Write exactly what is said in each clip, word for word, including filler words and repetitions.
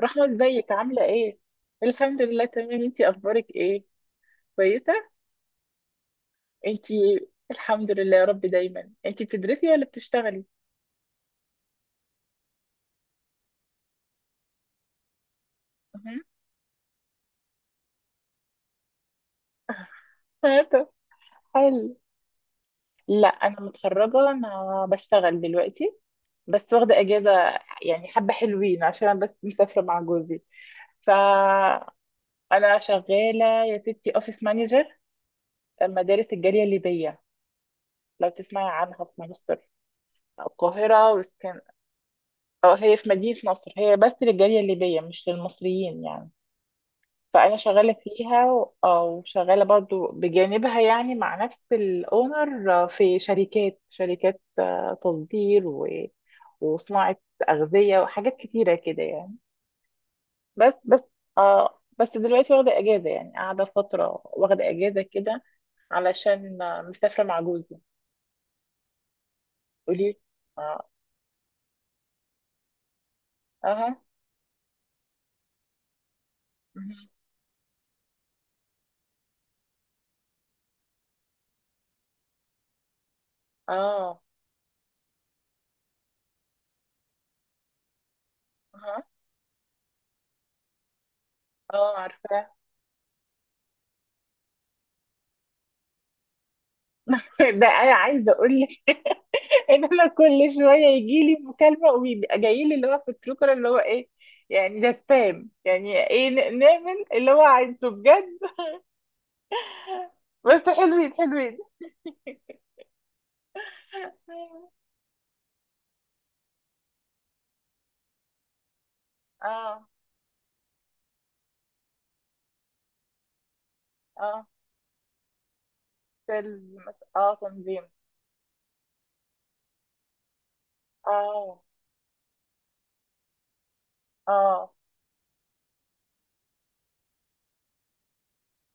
رحمة، ازيك؟ عاملة ايه؟ الحمد لله تمام. انتي اخبارك ايه؟ كويسة؟ انتي الحمد لله يا رب دايما. انتي بتدرسي ولا بتشتغلي؟ مهم. طب حلو. لا انا متخرجة، انا بشتغل دلوقتي بس واخدة اجازة يعني حبة حلوين عشان بس مسافرة مع جوزي. فانا شغالة يا ستي اوفيس مانجر مدارس الجالية الليبية، لو تسمعي عنها، في مصر، القاهرة. اه، هي في مدينة نصر، هي بس للجالية الليبية مش للمصريين يعني. فأنا شغالة فيها و- اه وشغالة برضو بجانبها يعني مع نفس الأونر، آه، في شركات شركات، آه، تصدير و... وصناعة أغذية وحاجات كتيرة كده يعني. بس بس اه بس دلوقتي واخدة أجازة يعني، قاعدة فترة واخدة أجازة كده علشان آه، مسافرة مع جوزي. قولي. اه. اه. مهم. اه. اه. اه، عارفة. ده انا عايزه اقول لك، ان انا كل شويه يجي لي مكالمه ويبقى جاي لي اللي هو في التروكر اللي هو ايه، يعني ده سبام. يعني ايه ن- نعمل اللي هو عايزه بجد؟ بس حلوين حلوين. اه. اه. سيلز مثلا، اه، تنظيم. اه. اه.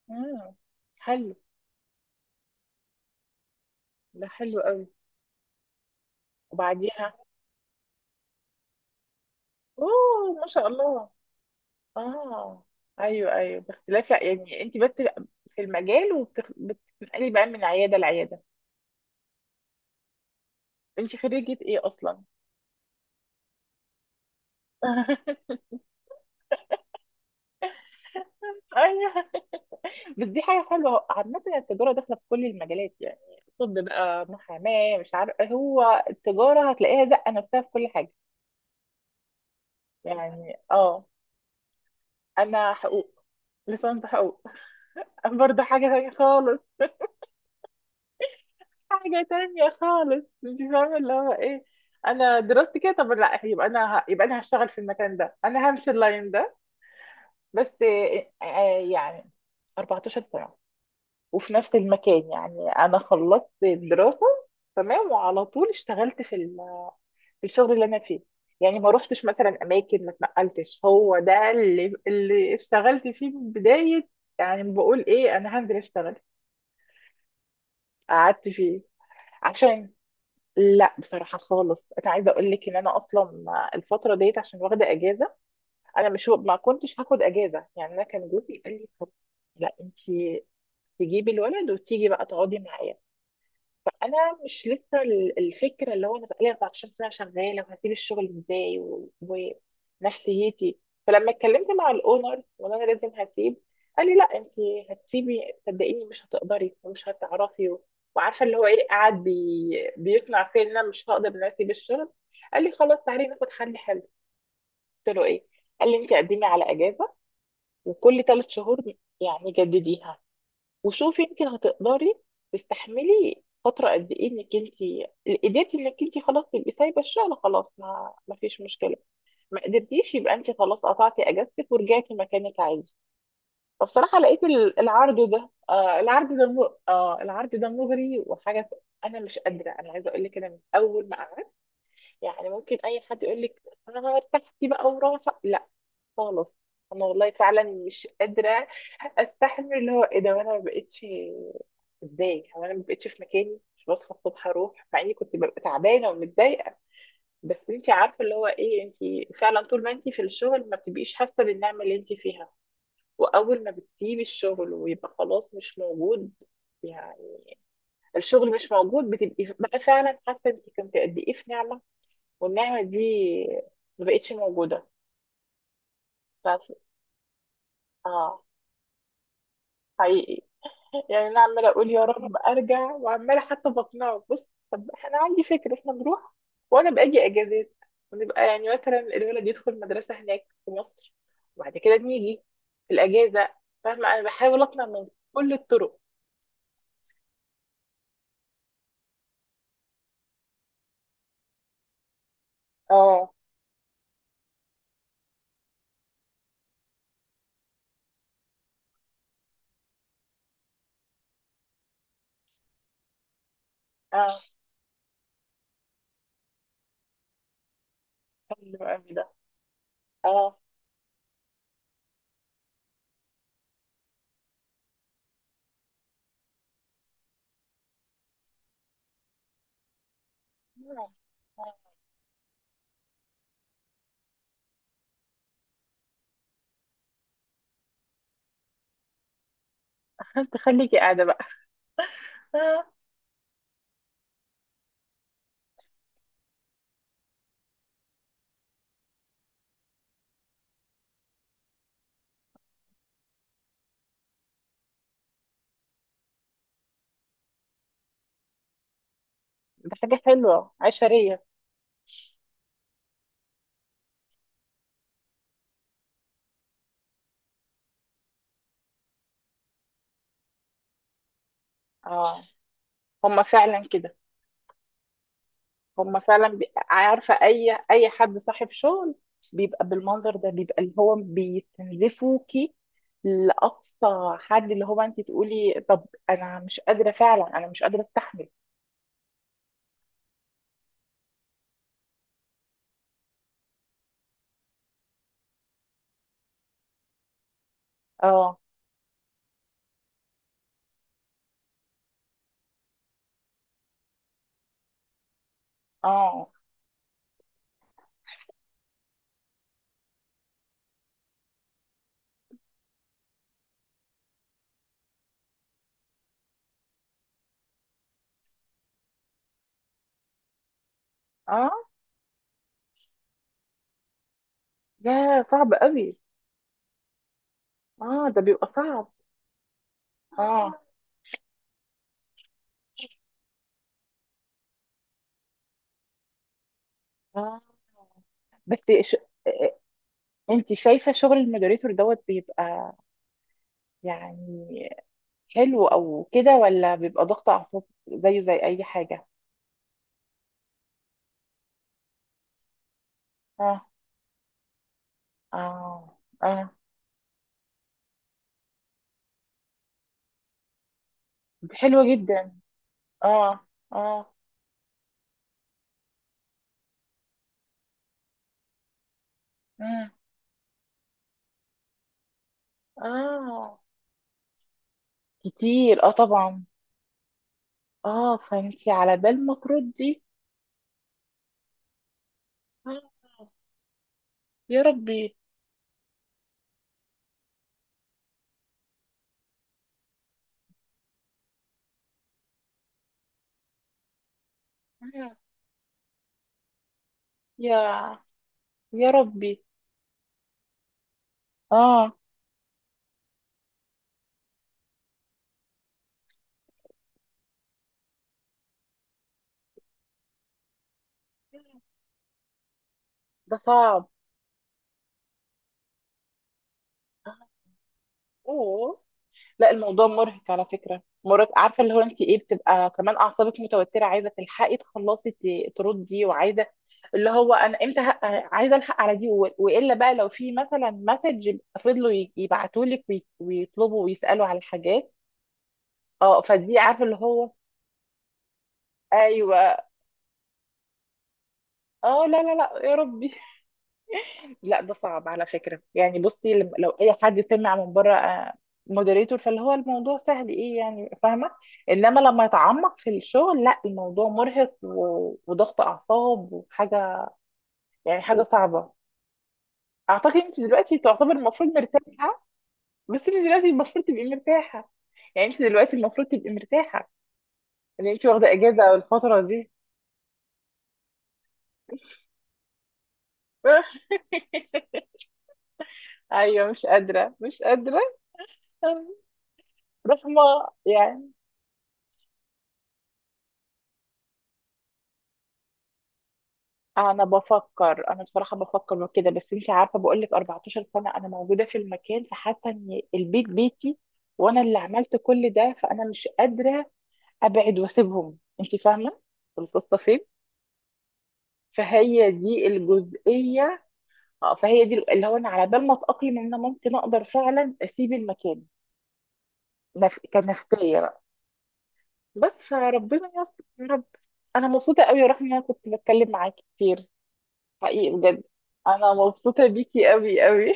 امم. حلو ده، حلو قوي. وبعديها. اوه، ما شاء الله. اه. ايوه ايوه، باختلاف. لا يعني انت بس في المجال وبتنقلي بقى من عياده لعياده. انت خريجه ايه اصلا؟ ايوه. بس دي حاجه حلوه، عامه التجاره داخله في كل المجالات يعني. طب بقى محاماه، مش عارف، هو التجاره هتلاقيها زقه نفسها في كل حاجه. يعني اه، انا حقوق. لسان حقوق. برضه حاجه تانية خالص. حاجه تانية خالص مش فاهمه اللي هو ايه. انا دراستي كده طب، لا يبقى انا ه... يبقى انا هشتغل في المكان ده، انا همشي اللاين ده بس. آه، آه، يعني أربعة عشر سنه وفي نفس المكان، يعني انا خلصت الدراسه تمام وعلى طول اشتغلت في ال- في الشغل اللي انا فيه، يعني ما روحتش مثلا اماكن، ما اتنقلتش، هو ده اللي اللي اشتغلت فيه من بدايه، يعني بقول ايه انا هنزل اشتغل قعدت فيه. عشان لا، بصراحه خالص انا عايزه اقول لك ان انا اصلا الفتره ديت عشان واخده اجازه، انا مش، ما كنتش هاخد اجازه يعني. انا كان جوزي قال لي، طب لا انت تجيبي الولد وتيجي بقى تقعدي معايا. انا مش لسه ال- الفكره اللي هو انا بقالي أربعة عشر سنه شغاله وهسيب الشغل ازاي و- ونفسيتي. فلما اتكلمت مع الاونر، وانا انا لازم هسيب، قال لي لا انت هتسيبي، صدقيني مش هتقدري ومش هتعرفي و- وعارفه اللي هو ايه، قاعد بي... بيقنع فيا ان انا مش هقدر ان أنا اسيب الشغل. قال لي خلاص تعالي ناخد حل حلو. قلت له ايه؟ قال لي انت قدمي على اجازه، وكل ثلاث شهور يعني جدديها، وشوفي انت هتقدري تستحملي فتره قد ايه، انك انت قدرتي انك انت خلاص تبقي سايبه الشغل، خلاص ما ما فيش مشكله. ما قدرتيش، يبقى انت خلاص قطعتي اجازتك ورجعتي مكانك عادي. فبصراحه لقيت ال- العرض ده، آه العرض ده م... آه العرض ده مغري وحاجه. انا مش قادره، انا عايزه اقول لك، انا من اول ما، يعني ممكن اي حد يقول لك انا ارتحتي بقى وراحه، لا خالص. انا والله فعلا مش قادره استحمل اللي هو ايه ده. وانا ما بقتش، ازاي هو انا ما بقتش في مكاني، مش بصحى الصبح اروح، مع اني كنت ببقى تعبانه ومتضايقه، بس انت عارفه اللي هو ايه، انت فعلا طول ما انت في الشغل ما بتبقيش حاسه بالنعمه اللي انت فيها، واول ما بتسيبي الشغل ويبقى خلاص مش موجود، يعني الشغل مش موجود، بتبقي بقى فعلا حاسه انت كنت قد ايه في نعمه، والنعمة دي ما بقتش موجودة. ف... اه، حقيقي. يعني انا عمالة اقول يا رب ارجع، وعمالة حتى بقنعه، بص طب انا عندي فكرة احنا نروح وانا باجي اجازات، ونبقى يعني مثلا الولد يدخل مدرسة هناك في مصر وبعد كده بنيجي في الاجازة، فاهمة؟ انا بحاول اقنع من كل الطرق. اه. اه، حلو قوي ده. اه. آه، آه. تخليكي قاعدة بقى. آه. ده حاجة حلوة عشرية. اه، هما فعلا كده، هم فعلا بي... عارفه اي اي حد صاحب شغل بيبقى بالمنظر ده، بيبقى اللي هو بيستنزفوكي لاقصى حد، اللي هو انت تقولي طب انا مش قادره فعلا، انا مش قادره استحمل. اه. اه. اه. يا صعب قوي. اه، ده بيبقى صعب. اه. اه. بس ش... انت شايفه شغل المودريتور دوت بيبقى يعني حلو او كده، ولا بيبقى ضغط اعصاب زيه زي اي حاجه؟ اه. اه. اه. حلوة جدا. اه. اه. مم. اه، كتير اه طبعا. اه فانتي على بال ما تردي. آه. يا ربي. آه. يا، يا ربي. اه، ده صعب. آه. اوه. لا، الموضوع مرهق على فكرة، مرهق. عارفة اللي هو انت ايه، بتبقى كمان اعصابك متوترة، عايزة تلحقي تخلصي ت- تردي، وعايزة اللي هو انا امتى ه- عايزة الحق على دي و- والا بقى لو في مثلا مسج، فضلوا ي- يبعتولك وي- ويطلبوا ويسألوا على حاجات. اه فدي عارفة اللي هو. ايوه. اه. لا لا لا، يا ربي. لا، ده صعب على فكرة يعني. بصي لم- لو اي حد سمع من بره مودريتور، فاللي هو الموضوع سهل ايه يعني، فاهمة؟ انما لما يتعمق في الشغل لا، الموضوع مرهق و- وضغط اعصاب وحاجة يعني، حاجة صعبة. اعتقد انت دلوقتي تعتبر المفروض مرتاحة. بس انت دلوقتي المفروض تبقي مرتاحة، يعني انت دلوقتي المفروض تبقي مرتاحة ان انت واخدة اجازة الفترة دي. ايوه، مش قادرة مش قادرة. رحمة، يعني انا بفكر، انا بصراحه بفكر وكده، بس انت عارفه، بقول لك أربعة عشر سنه انا موجوده في المكان، فحاسه ان البيت بيتي وانا اللي عملت كل ده، فانا مش قادره ابعد واسيبهم، انت فاهمه القصه فين؟ فهي دي الجزئيه. اه فهي دي اللي هو انا على بال ما اتاقلم ان انا ممكن اقدر فعلا اسيب المكان، نف... كنفسيه بقى. بس فربنا يستر يا رب. انا مبسوطه قوي يا رحمه ان انا كنت بتكلم معاكي كتير. حقيقي بجد، انا مبسوطه بيكي قوي قوي،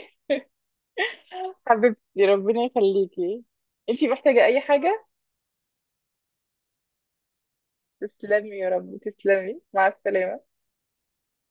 حبيبتي، ربنا يخليكي. انتي محتاجة أي حاجة؟ تسلمي يا رب، تسلمي، مع السلامة.